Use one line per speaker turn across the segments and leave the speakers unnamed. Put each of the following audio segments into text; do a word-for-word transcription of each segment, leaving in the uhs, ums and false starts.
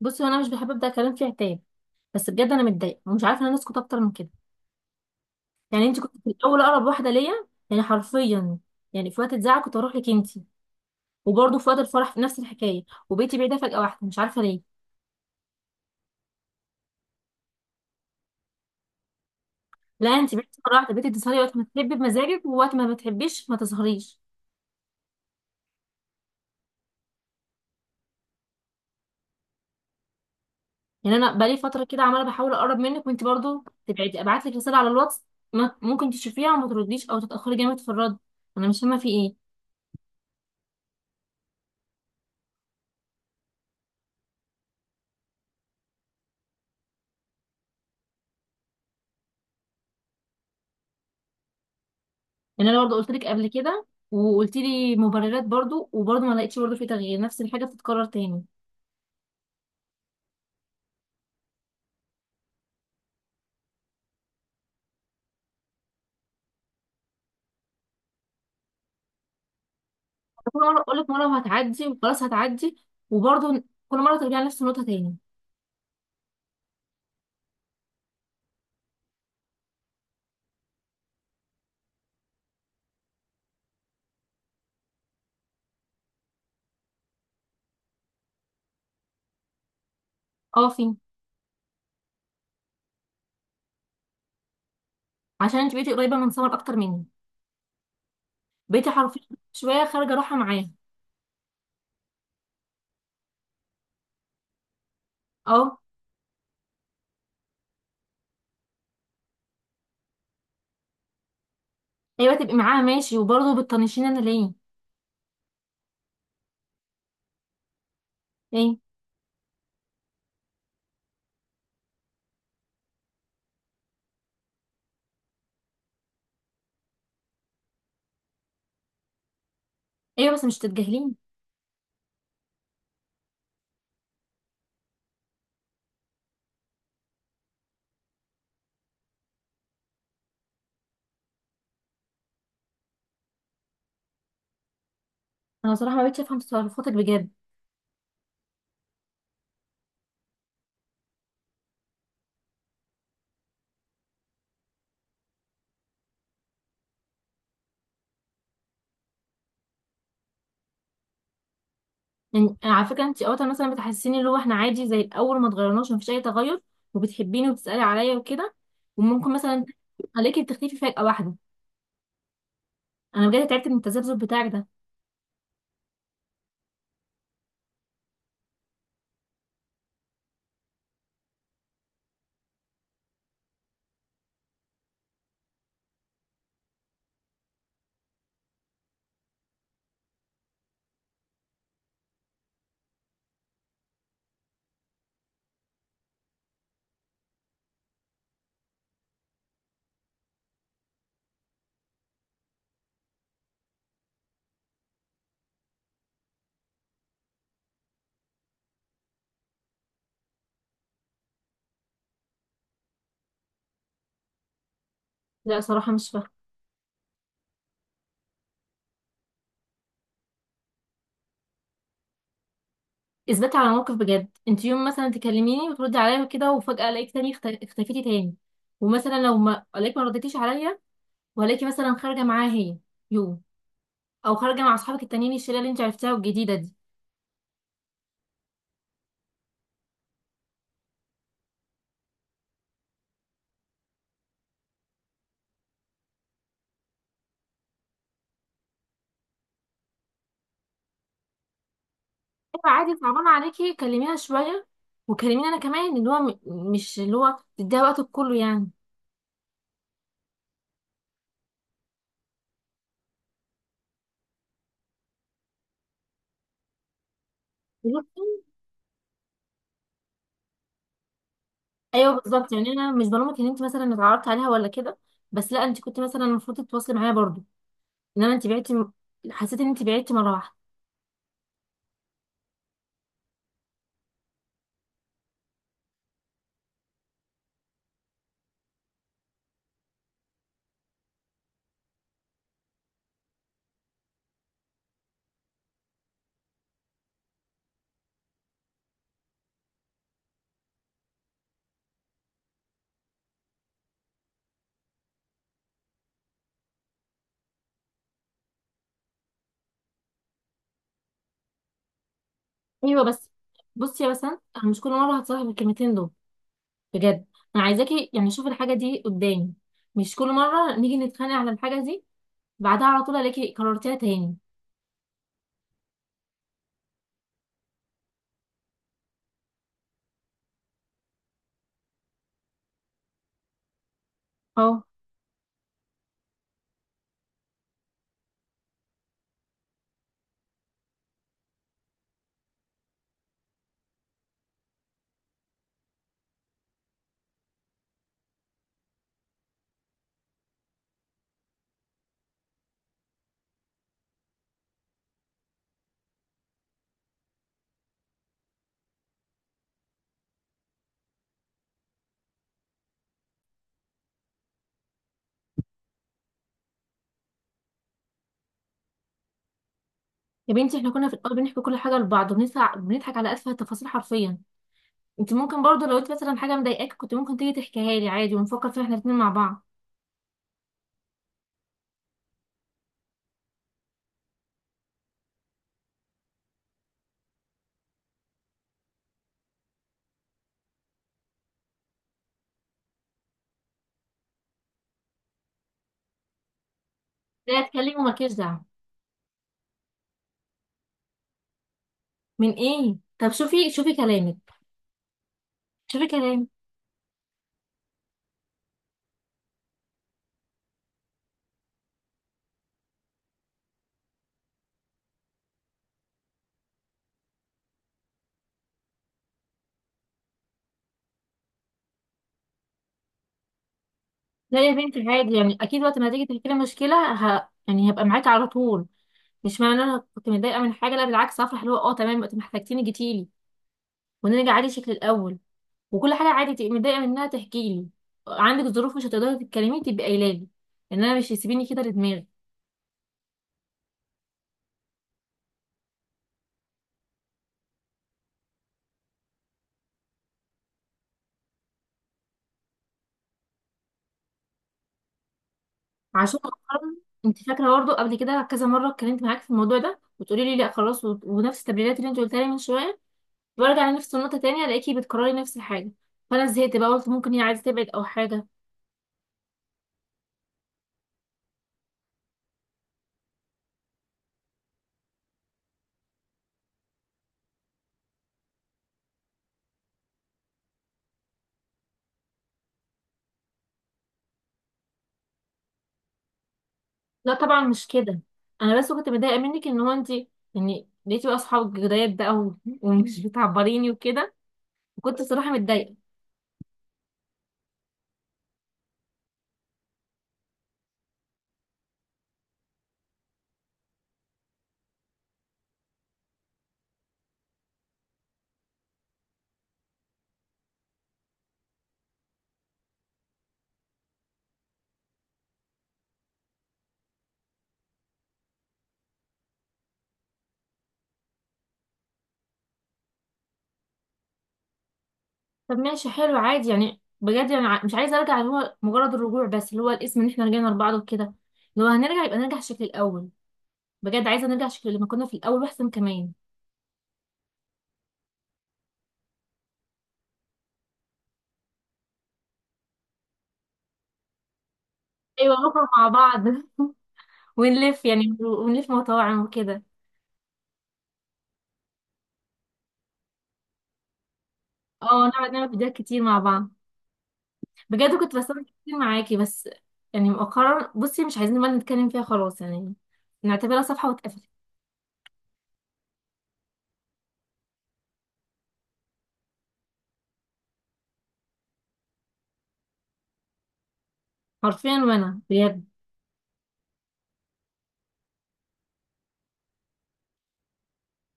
بصي، انا مش بحب ابدا كلام فيه عتاب. بس بجد انا متضايقه ومش عارفه ان انا اسكت اكتر من كده. يعني انت كنت في الاول اقرب واحده ليا، يعني حرفيا. يعني في وقت الزعل كنت اروح لك انت، وبرضه في وقت الفرح في نفس الحكايه. وبيتي بعيده فجاه واحده، مش عارفه ليه. لا انت بعيده مره واحده، بقيتي تظهري وقت ما تحبي بمزاجك، ووقت ما بتحبيش ما تظهريش. يعني انا بقالي فتره كده عماله بحاول اقرب منك وانت برضه تبعدي، ابعت لك رساله على الواتس ما- ممكن تشوفيها وما ترديش او تتاخري جامد في الرد. انا مش فاهمه في ايه. لان انا برضو قلت لك قبل كده وقلت لي مبررات برضو، وبرضو ما لقيتش برضو في تغيير، نفس الحاجه بتتكرر تاني. كل مره اقول لك مره وهتعدي وخلاص هتعدي، وبرضو كل مره ترجعي نفس النقطه تاني. اه، فين؟ عشان انت بقيتي قريبه من سمر اكتر مني، بقيتي حرفيا شويه خارجه رايحه معاه. اه. ايوه تبقي معاها ماشي، وبرضو بتطنشيني انا ليه؟ ليه؟ ايوه بس مش تتجاهليني. انا بصراحه ما بقتش افهم تصرفاتك بجد. يعني على فكرة، انت اوقات مثلا بتحسيني اللي هو احنا عادي زي الاول ما اتغيرناش مفيش اي تغير، وبتحبيني وبتسألي عليا وكده. وممكن مثلا عليكي بتختفي فجأة واحدة. انا بجد تعبت من التذبذب بتاعك ده. لا صراحة مش فاهمة. اثبتي على موقف بجد. انت يوم مثلا تكلميني وتردي عليا وكده، وفجأة الاقيك تاني اخت- اختفيتي تاني. ومثلا لو ما الاقيك، ما رديتيش عليا، وهلاقيكي مثلا خارجة معاها هي يوم، او خارجة مع اصحابك التانيين الشلة اللي انت عرفتها الجديدة دي. ايوه عادي، صعبان عليكي كلميها شويه، وكلميني انا كمان، اللي هو م- مش اللي هو تديها وقتك كله يعني. ايوه بالظبط، يعني انا مش بلومك ان انت مثلا اتعرضت عليها ولا كده، بس لا انت كنت مثلا المفروض تتواصلي معايا برضو. ان انا انت بعتي، حسيت ان انت بعتي مره واحده. ايوه بس، بصي يا بسنت، انا مش كل مره هتصالح بالكلمتين دول بجد. انا عايزاكي يعني شوفي الحاجه دي قدامي. مش كل مره نيجي نتخانق على الحاجه دي بعدها على طول الاقي كررتيها تاني. اه. يا بنتي احنا كنا في الاول بنحكي كل حاجه لبعض، وبنضحك بنضحك على اسفل التفاصيل حرفيا. انت ممكن برضه لو انت مثلا حاجه مضايقاك، كنت ممكن تيجي تحكيها لي عادي ونفكر فيها احنا الاثنين مع بعض. لا اتكلمي ومالكيش دعوه. من ايه؟ طب شوفي شوفي كلامك. شوفي كلامك. لا يا بنتي عادي، يعني اكيد وقت ما تيجي تحكي لي مشكله ه... يعني هبقى معاكي على طول. مش معنى ان انا كنت متضايقه من حاجه، لا بالعكس، هفرح اللي هو اه تمام وقت ما احتجتيني جيتيلي، ونرجع عادي شكل الاول. وكل حاجه عادي تبقي متضايقه منها تحكي لي. عندك ظروف مش هتقدري تتكلمي تبقي قايله لي. ان انا مش هيسيبيني كده لدماغي. عشان مؤخرا انت فاكره برضه قبل كده كذا مره اتكلمت معاك في الموضوع ده وتقولي لي لا خلاص، و- ونفس التمرينات اللي انت قلتها لي من شويه، وارجع لنفس النقطه تانية الاقيكي بتكرري نفس الحاجه. فانا زهقت بقى، قلت ممكن هي عايزه تبعد او حاجه. لا طبعا مش كده. انا بس كنت متضايقه منك ان هو انت، يعني لقيتي بقى اصحاب جداد بقى و- ومش بتعبريني وكده، وكنت صراحه متضايقه. طب ماشي حلو عادي، يعني بجد انا ع- مش عايزه ارجع اللي هو مجرد الرجوع بس اللي هو الاسم ان احنا رجعنا لبعض وكده. لو هنرجع يبقى نرجع شكل الاول. بجد عايزه نرجع شكل لما كنا في الاول واحسن كمان. ايوه نخرج مع بعض ونلف يعني ونلف مطاعم وكده. اه نقعد نعمل فيديوهات كتير مع بعض. بجد كنت بستمتع كتير معاكي. بس يعني مؤخرا بصي مش عايزين بقى نتكلم فيها خلاص يعني، نعتبرها صفحه واتقفلت. حرفيا وانا بجد.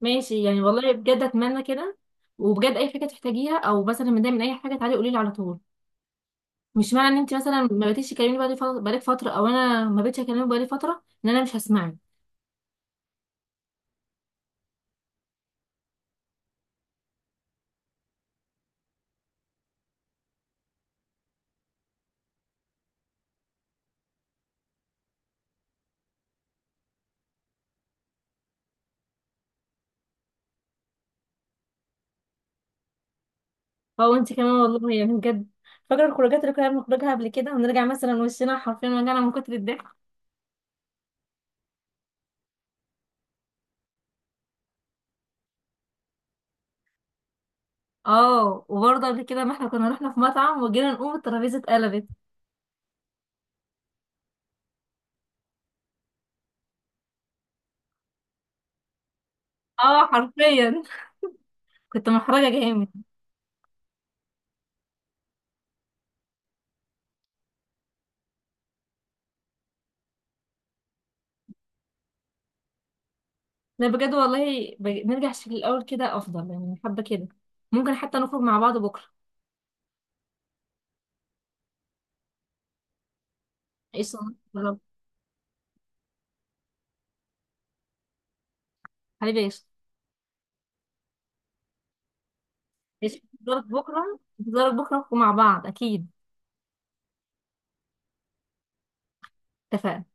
ماشي يعني والله بجد اتمنى كده. وبجد اي حاجه تحتاجيها او مثلا متضايقه من اي حاجه، تعالي قولي لي على طول. مش معنى ان انت مثلا ما بقيتيش تكلميني بقالي فتره بقالك فتره، او انا ما بقيتش اكلمك بقالي فتره، ان انا مش هسمعك. اه وانت كمان والله يعني بجد. فاكره الخروجات اللي كنا بنخرجها قبل كده ونرجع مثلا وشنا حرفيا وجعنا من كتر الضحك. اه، وبرضه قبل كده ما احنا كنا رحنا في مطعم وجينا نقوم الترابيزه اتقلبت. اه حرفيا. كنت محرجه جامد. لا بجد والله ب... نرجع شكل الاول كده افضل، يعني حابه كده. ممكن حتى نخرج مع بعض بكره. ايش؟ حبيبي، ايش؟ ايش، انتظارك بكره، انتظارك بكره، ونخرج مع بعض اكيد. اتفقنا.